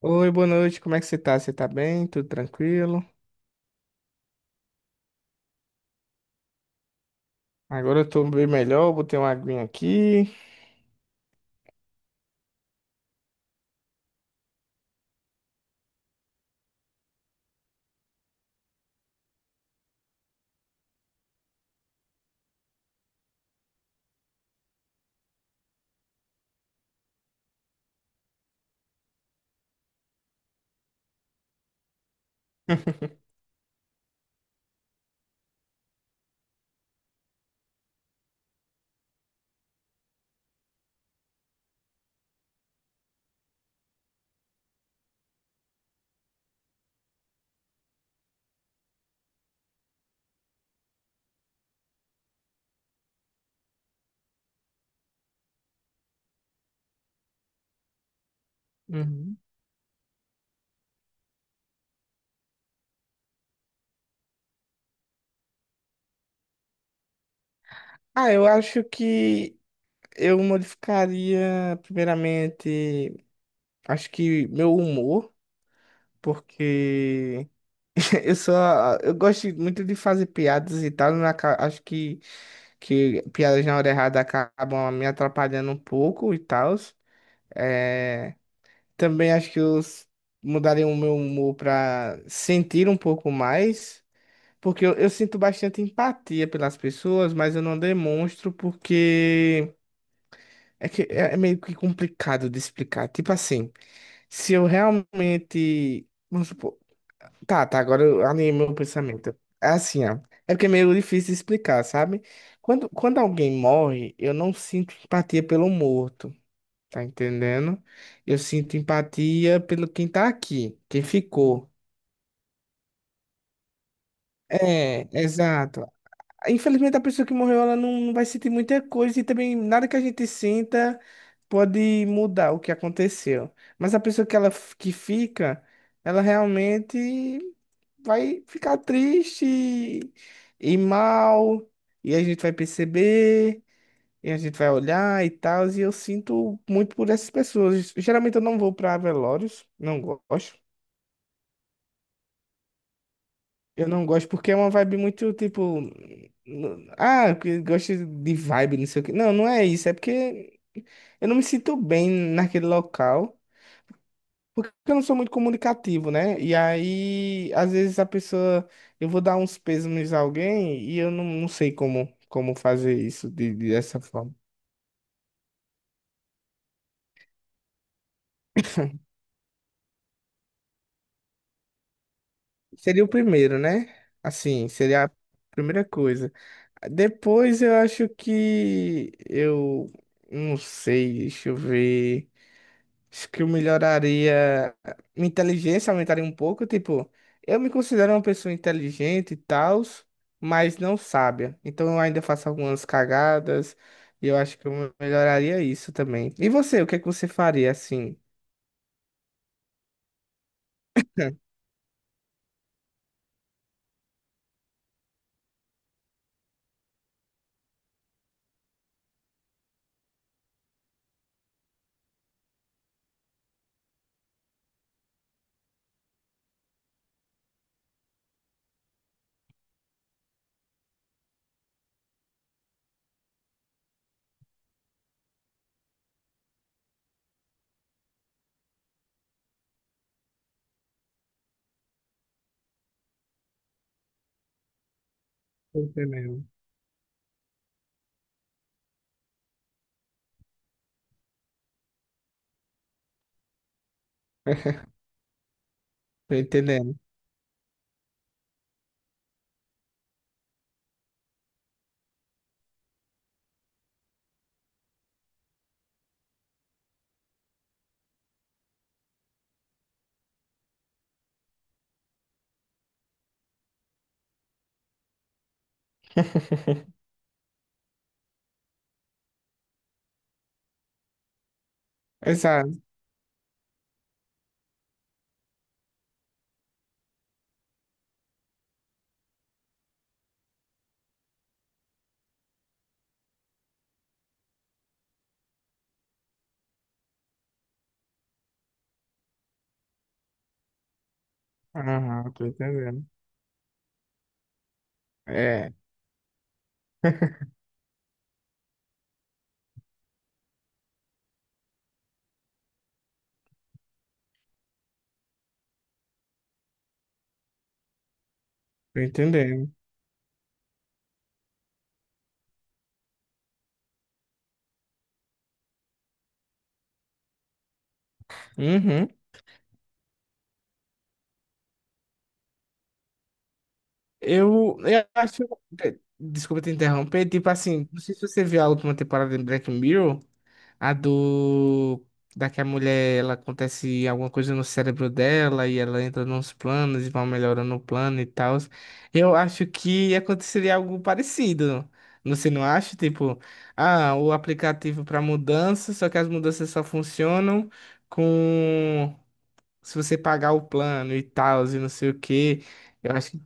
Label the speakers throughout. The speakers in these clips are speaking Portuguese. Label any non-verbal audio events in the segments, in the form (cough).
Speaker 1: Oi, boa noite, como é que você tá? Você tá bem? Tudo tranquilo? Agora eu tô bem melhor, botei uma aguinha aqui. (laughs) Uhum. Ah, eu acho que eu modificaria, primeiramente, acho que meu humor, porque (laughs) eu só, eu gosto muito de fazer piadas e tal, acho que, piadas na hora errada acabam me atrapalhando um pouco e tal. É, Também acho que mudaria o meu humor para sentir um pouco mais, porque eu sinto bastante empatia pelas pessoas, mas eu não demonstro porque é que é é meio que complicado de explicar. Tipo assim, se eu realmente, vamos supor, tá, agora eu alinhei meu pensamento. É assim, ó, é porque é meio difícil de explicar, sabe? Quando alguém morre, eu não sinto empatia pelo morto. Tá entendendo? Eu sinto empatia pelo quem tá aqui, quem ficou. É, exato. Infelizmente, a pessoa que morreu, ela não vai sentir muita coisa e também nada que a gente sinta pode mudar o que aconteceu. Mas a pessoa que fica, ela realmente vai ficar triste e mal, e a gente vai perceber. E a gente vai olhar e tal, e eu sinto muito por essas pessoas. Geralmente eu não vou pra velórios, não gosto. Eu não gosto porque é uma vibe muito tipo. Ah, que gosto de vibe, não sei o quê. Não, não é isso. É porque eu não me sinto bem naquele local. Porque eu não sou muito comunicativo, né? E aí, às vezes a pessoa. Eu vou dar uns pêsames a alguém e eu não sei como fazer isso dessa forma. Seria o primeiro, né? Assim, seria a primeira coisa. Depois eu acho que eu não sei, deixa eu ver. Acho que eu melhoraria minha inteligência, aumentaria um pouco, tipo, eu me considero uma pessoa inteligente e tal, mas não sábia. Então eu ainda faço algumas cagadas e eu acho que eu melhoraria isso também. E você, o que é que você faria assim? Tô entendendo. (laughs) Tô entendendo. (laughs) Exato. Aham, tô entendendo. É, (laughs) tô entendendo. Uhum. Eu acho. Desculpa te interromper. Tipo assim, não sei se você viu a última temporada de Black Mirror, a do. Da que a mulher, ela acontece alguma coisa no cérebro dela e ela entra nos planos e vai melhorando o plano e tal. Eu acho que aconteceria algo parecido. Você não acha? Tipo, ah, o aplicativo para mudança, só que as mudanças só funcionam com. Se você pagar o plano e tal, e não sei o quê. Eu acho que,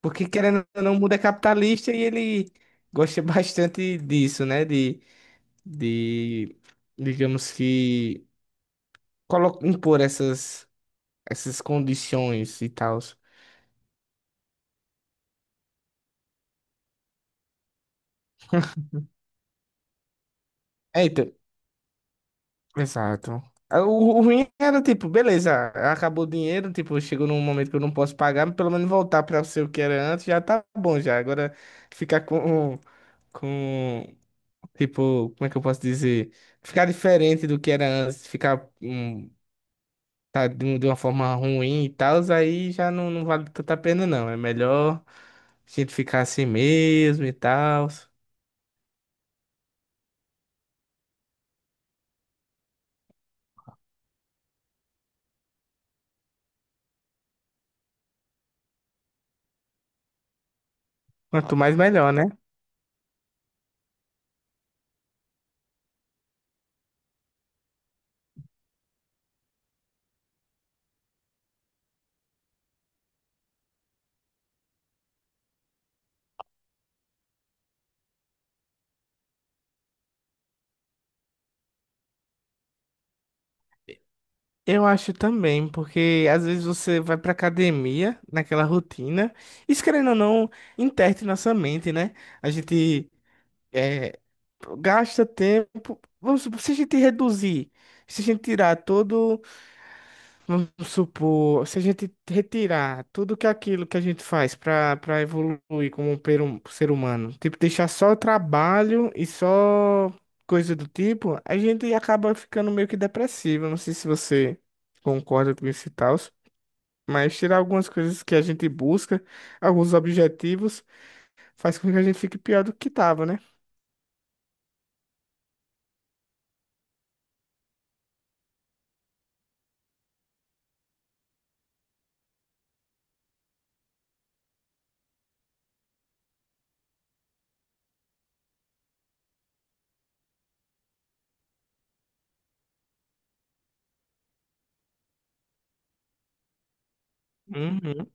Speaker 1: porque querendo ou não, o mundo é capitalista e ele (laughs) gosta bastante disso, né? De digamos que, impor essas, essas condições e tal. É, então, exato. O ruim era, tipo, beleza, acabou o dinheiro, tipo, chegou num momento que eu não posso pagar, mas pelo menos voltar para ser o que era antes já tá bom já. Agora ficar com tipo, como é que eu posso dizer? Ficar diferente do que era antes, ficar tá, de uma forma ruim e tal, aí já não vale tanta pena, não. É melhor a gente ficar assim mesmo e tal. Quanto mais, melhor, né? Eu acho também, porque às vezes você vai pra academia, naquela rotina, isso querendo ou não, interte nossa mente, né? A gente é, gasta tempo. Vamos supor, se a gente reduzir, se a gente tirar todo. Vamos supor, se a gente retirar tudo que aquilo que a gente faz para evoluir como um ser humano, tipo, deixar só trabalho e só coisa do tipo, a gente acaba ficando meio que depressivo. Não sei se você concorda com isso e tal, mas tirar algumas coisas que a gente busca, alguns objetivos, faz com que a gente fique pior do que tava, né? Uhum.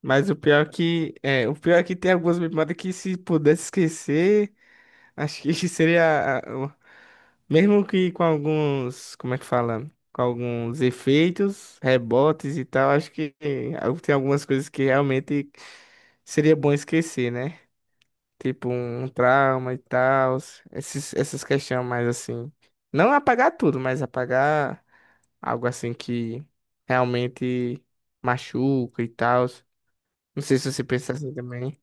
Speaker 1: Mas o pior é o pior é que tem algumas memórias que se pudesse esquecer. Acho que (laughs) seria, mesmo que com alguns, como é que fala? Com alguns efeitos, rebotes e tal, acho que tem algumas coisas que realmente seria bom esquecer, né? Tipo um trauma e tal, essas questões mais assim. Não apagar tudo, mas apagar algo assim que realmente machuca e tal. Não sei se você pensa assim também.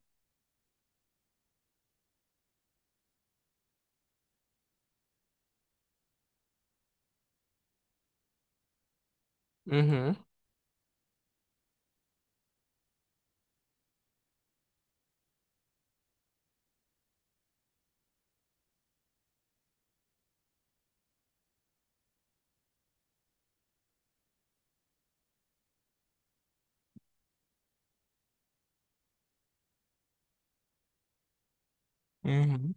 Speaker 1: Uhum, uhum,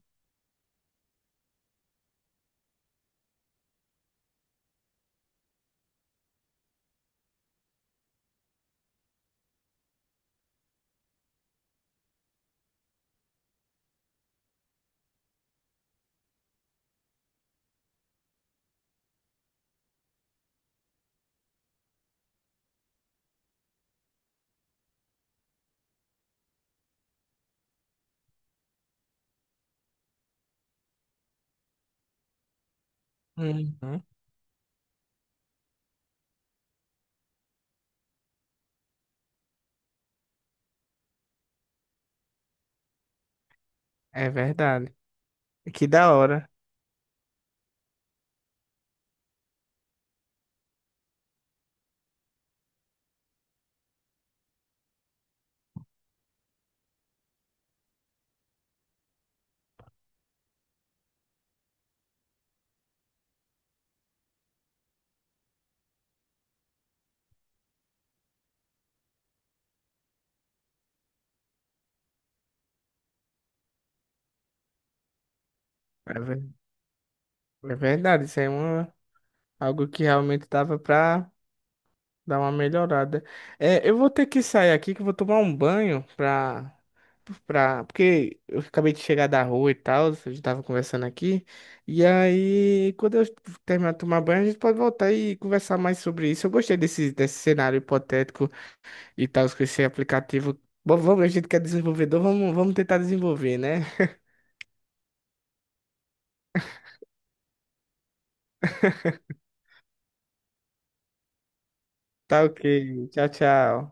Speaker 1: uhum. É verdade. Que da hora. É ver- é verdade, isso é algo que realmente dava pra dar uma melhorada. É, eu vou ter que sair aqui que eu vou tomar um banho pra porque eu acabei de chegar da rua e tal, a gente tava conversando aqui. E aí, quando eu terminar de tomar banho, a gente pode voltar e conversar mais sobre isso. Eu gostei desse cenário hipotético e tal, com esse aplicativo. Bom, vamos, a gente quer desenvolvedor, vamos tentar desenvolver, né? Tá ok. Tchau, tchau.